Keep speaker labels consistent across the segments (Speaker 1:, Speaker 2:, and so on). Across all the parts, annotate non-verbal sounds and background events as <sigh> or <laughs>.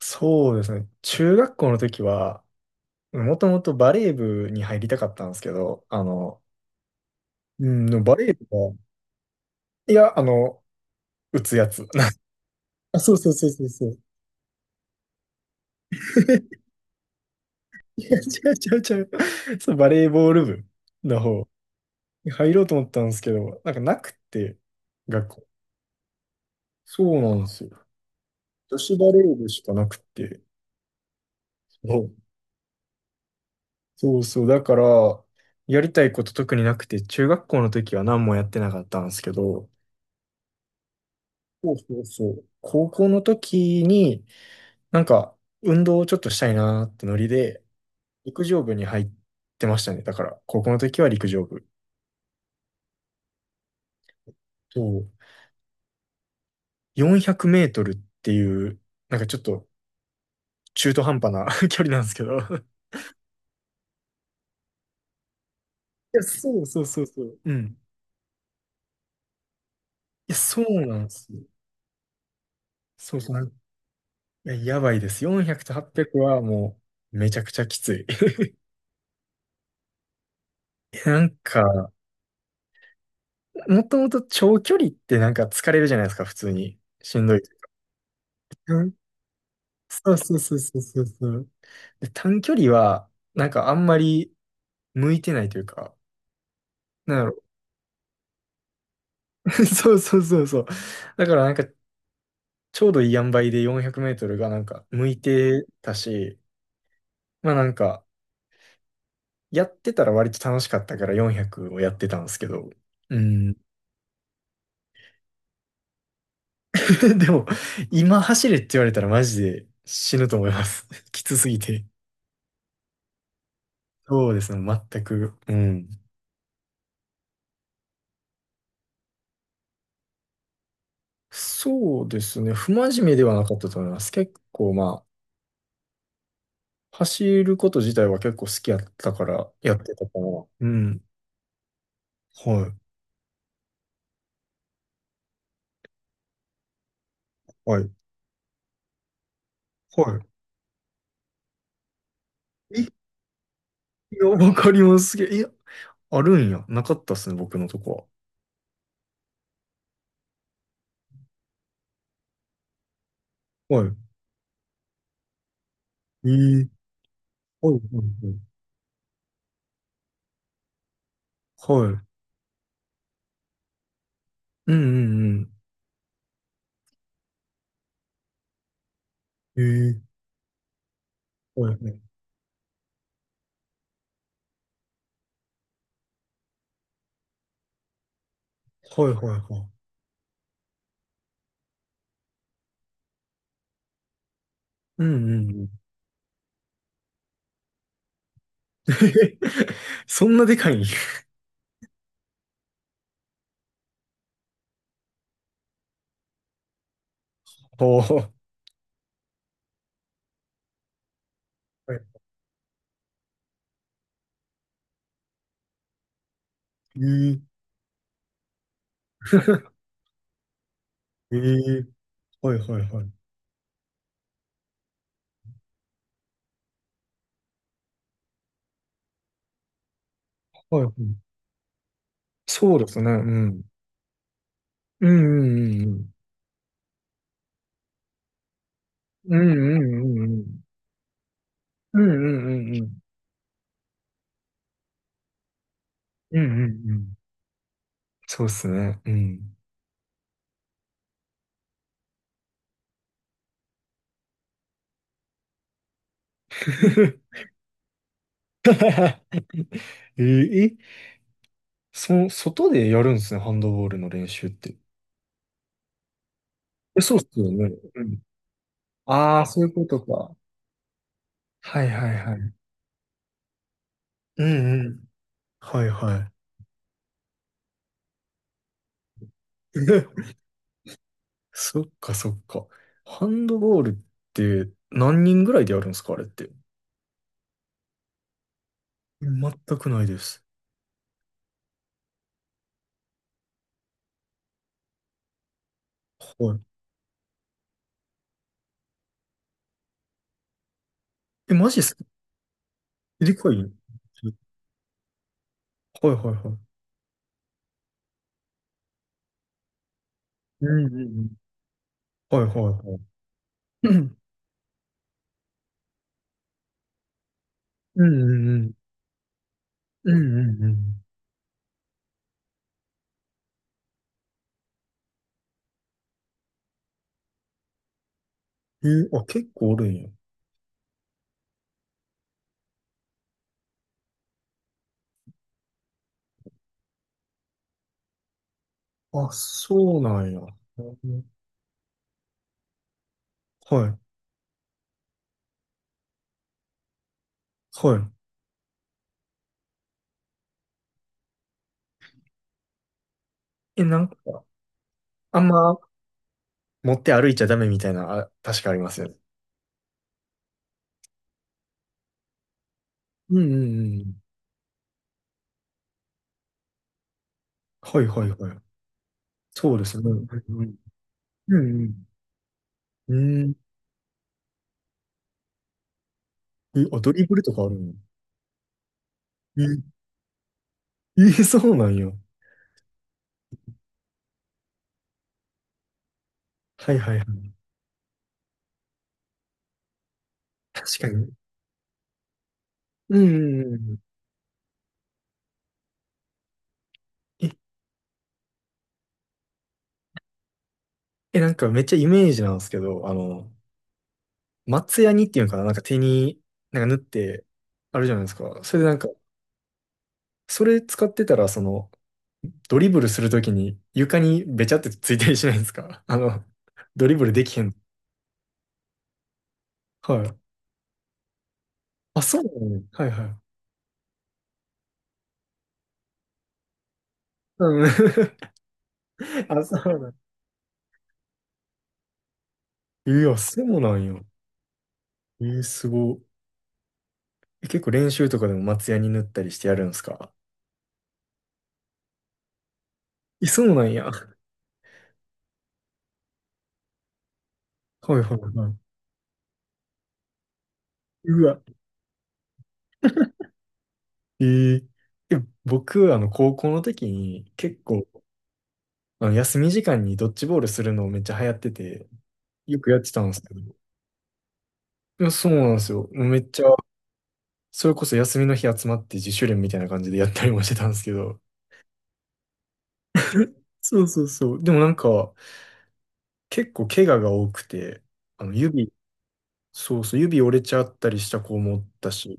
Speaker 1: そうですね。中学校の時は、もともとバレー部に入りたかったんですけど、うん、でもバレー部が、いや、打つやつ。<laughs> あ、そうそうそうそうそう。<laughs> いや、違う違う違う。そう、バレーボール部の方に入ろうと思ったんですけど、なんかなくって、学校。そうなんですよ。女子バレー部しかなくて。そうそうそう。だから、やりたいこと特になくて、中学校の時は何もやってなかったんですけど、そうそうそう。高校の時に、なんか、運動をちょっとしたいなーってノリで、陸上部に入ってましたね。だから、高校の時は陸上部。そう。400メートルっていう、なんかちょっと中途半端な <laughs> 距離なんですけど。いや、そうそうそうそう。うん。いや、そうなんですよ。そうそう。いや、やばいです。400と800はもう、めちゃくちゃきつい。<laughs> なんか、もともと長距離ってなんか疲れるじゃないですか、普通に。しんどい。そうそうそうそうそうそう。で、短距離は、なんかあんまり向いてないというか、なんだろう。<laughs> そうそうそうそう。だからなんか、ちょうどいい塩梅で400メートルがなんか向いてたし、まあなんか、やってたら割と楽しかったから400をやってたんですけど、うん。<laughs> でも、今走れって言われたらマジで死ぬと思います。<laughs> きつすぎて。そうですね、全く。うん。そうですね、不真面目ではなかったと思います。結構まあ、走ること自体は結構好きやったからやってたかな。うん。はい。はい。はい。え、いや、わかります。すげえ。いや、あるんや。なかったっすね、僕のとこは。はい。えー、はい、はい、はい。はい。うんうんうん。えー、はい、はい。はい、はい、はい。うんうんうん。<laughs> そんなでかいんや。おー。はい。えー、<laughs> えー、はい、はい、はい。はい、はい。そうですね。うん。うんうんうんうん。うんうんうんうん。うんうんうんうん。うんうんうん。そうっすね。うん。<laughs> ええ、外でやるんですね、ハンドボールの練習って。え、そうっすよね。うん。ああ、そういうことか。はいはいはい。うんうん。はいはい。<laughs> そっかそっか。ハンドボールって何人ぐらいでやるんですか、あれって？全くないです。はい。え、マジっすか？でかい、はいはいはい。うんうんうん。はいはいはい。うんうんうん。うんうんうん。えーあ、結構おるんや。あ、そうなんや。うん、はい。はい。え、なんか、あんま持って歩いちゃダメみたいな、あ、確かありますよね。うんうんうん。はいはいはい。そうですね。うんうんうん。うん。え、あ、ドリブルとかあるんや。え、え、そうなんや。はいはいはい。確かに。うんうんうん。え、え、なんかめっちゃイメージなんですけど、松ヤニっていうのかな、なんか手に、なんか縫って、あるじゃないですか。それでなんか、それ使ってたら、ドリブルするときに床にべちゃってついたりしないですか？ <laughs> ドリブルできへん。はい。あ、そうなの、ねはいはい。うん。<laughs> あ、そうなの。いや、そうなんよ。えー、すごい。え、結構練習とかでも松ヤに塗ったりしてやるんですか？え、そうなんや。はいはいはい。うわ。えー、え僕、高校の時に結構、あの休み時間にドッジボールするのめっちゃ流行ってて、よくやってたんですけど。いや、そうなんですよ。もうめっちゃ、それこそ休みの日集まって自主練みたいな感じでやったりもしてたんですけど。そうそうそう。でもなんか、結構怪我が多くて、指、そうそう、指折れちゃったりした子もおったし。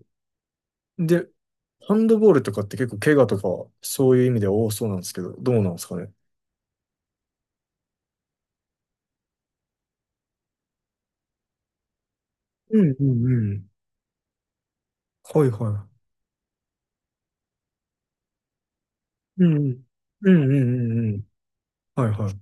Speaker 1: で、ハンドボールとかって結構怪我とか、そういう意味では多そうなんですけど、どうなんですかね？うんうんうん。はいはい。うんうん。うんうんうんうん。はいはい。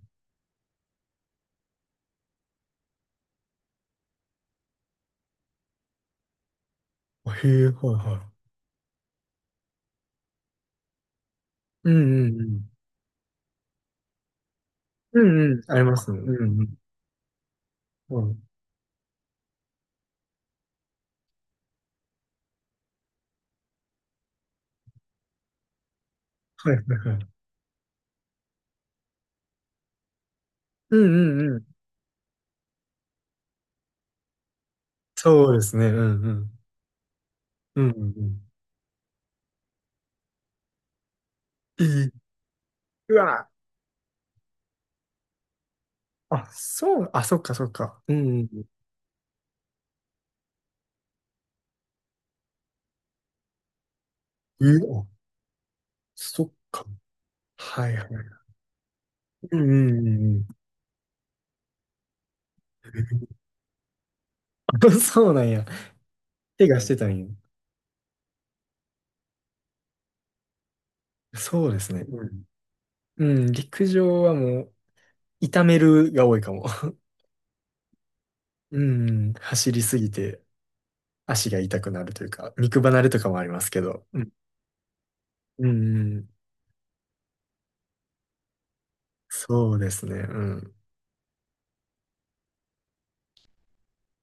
Speaker 1: へえ、はいはい。うんうんうん。うんうん。ありますね。うんうん。うん。はいはいはい。うんうんうん。そうですね。うんうん。うんうんうん。いい。うわ。あ、そう、あ、そっかそっか。うんうんうん。うお、そっか。はいはい。うんうんうんうん。<laughs> あ、そうなんや。手がしてたんや。そうですね。うん。うん、陸上はもう、痛めるが多いかも。うん、走りすぎて足が痛くなるというか、肉離れとかもありますけど。うん、うん、そうですね。うん。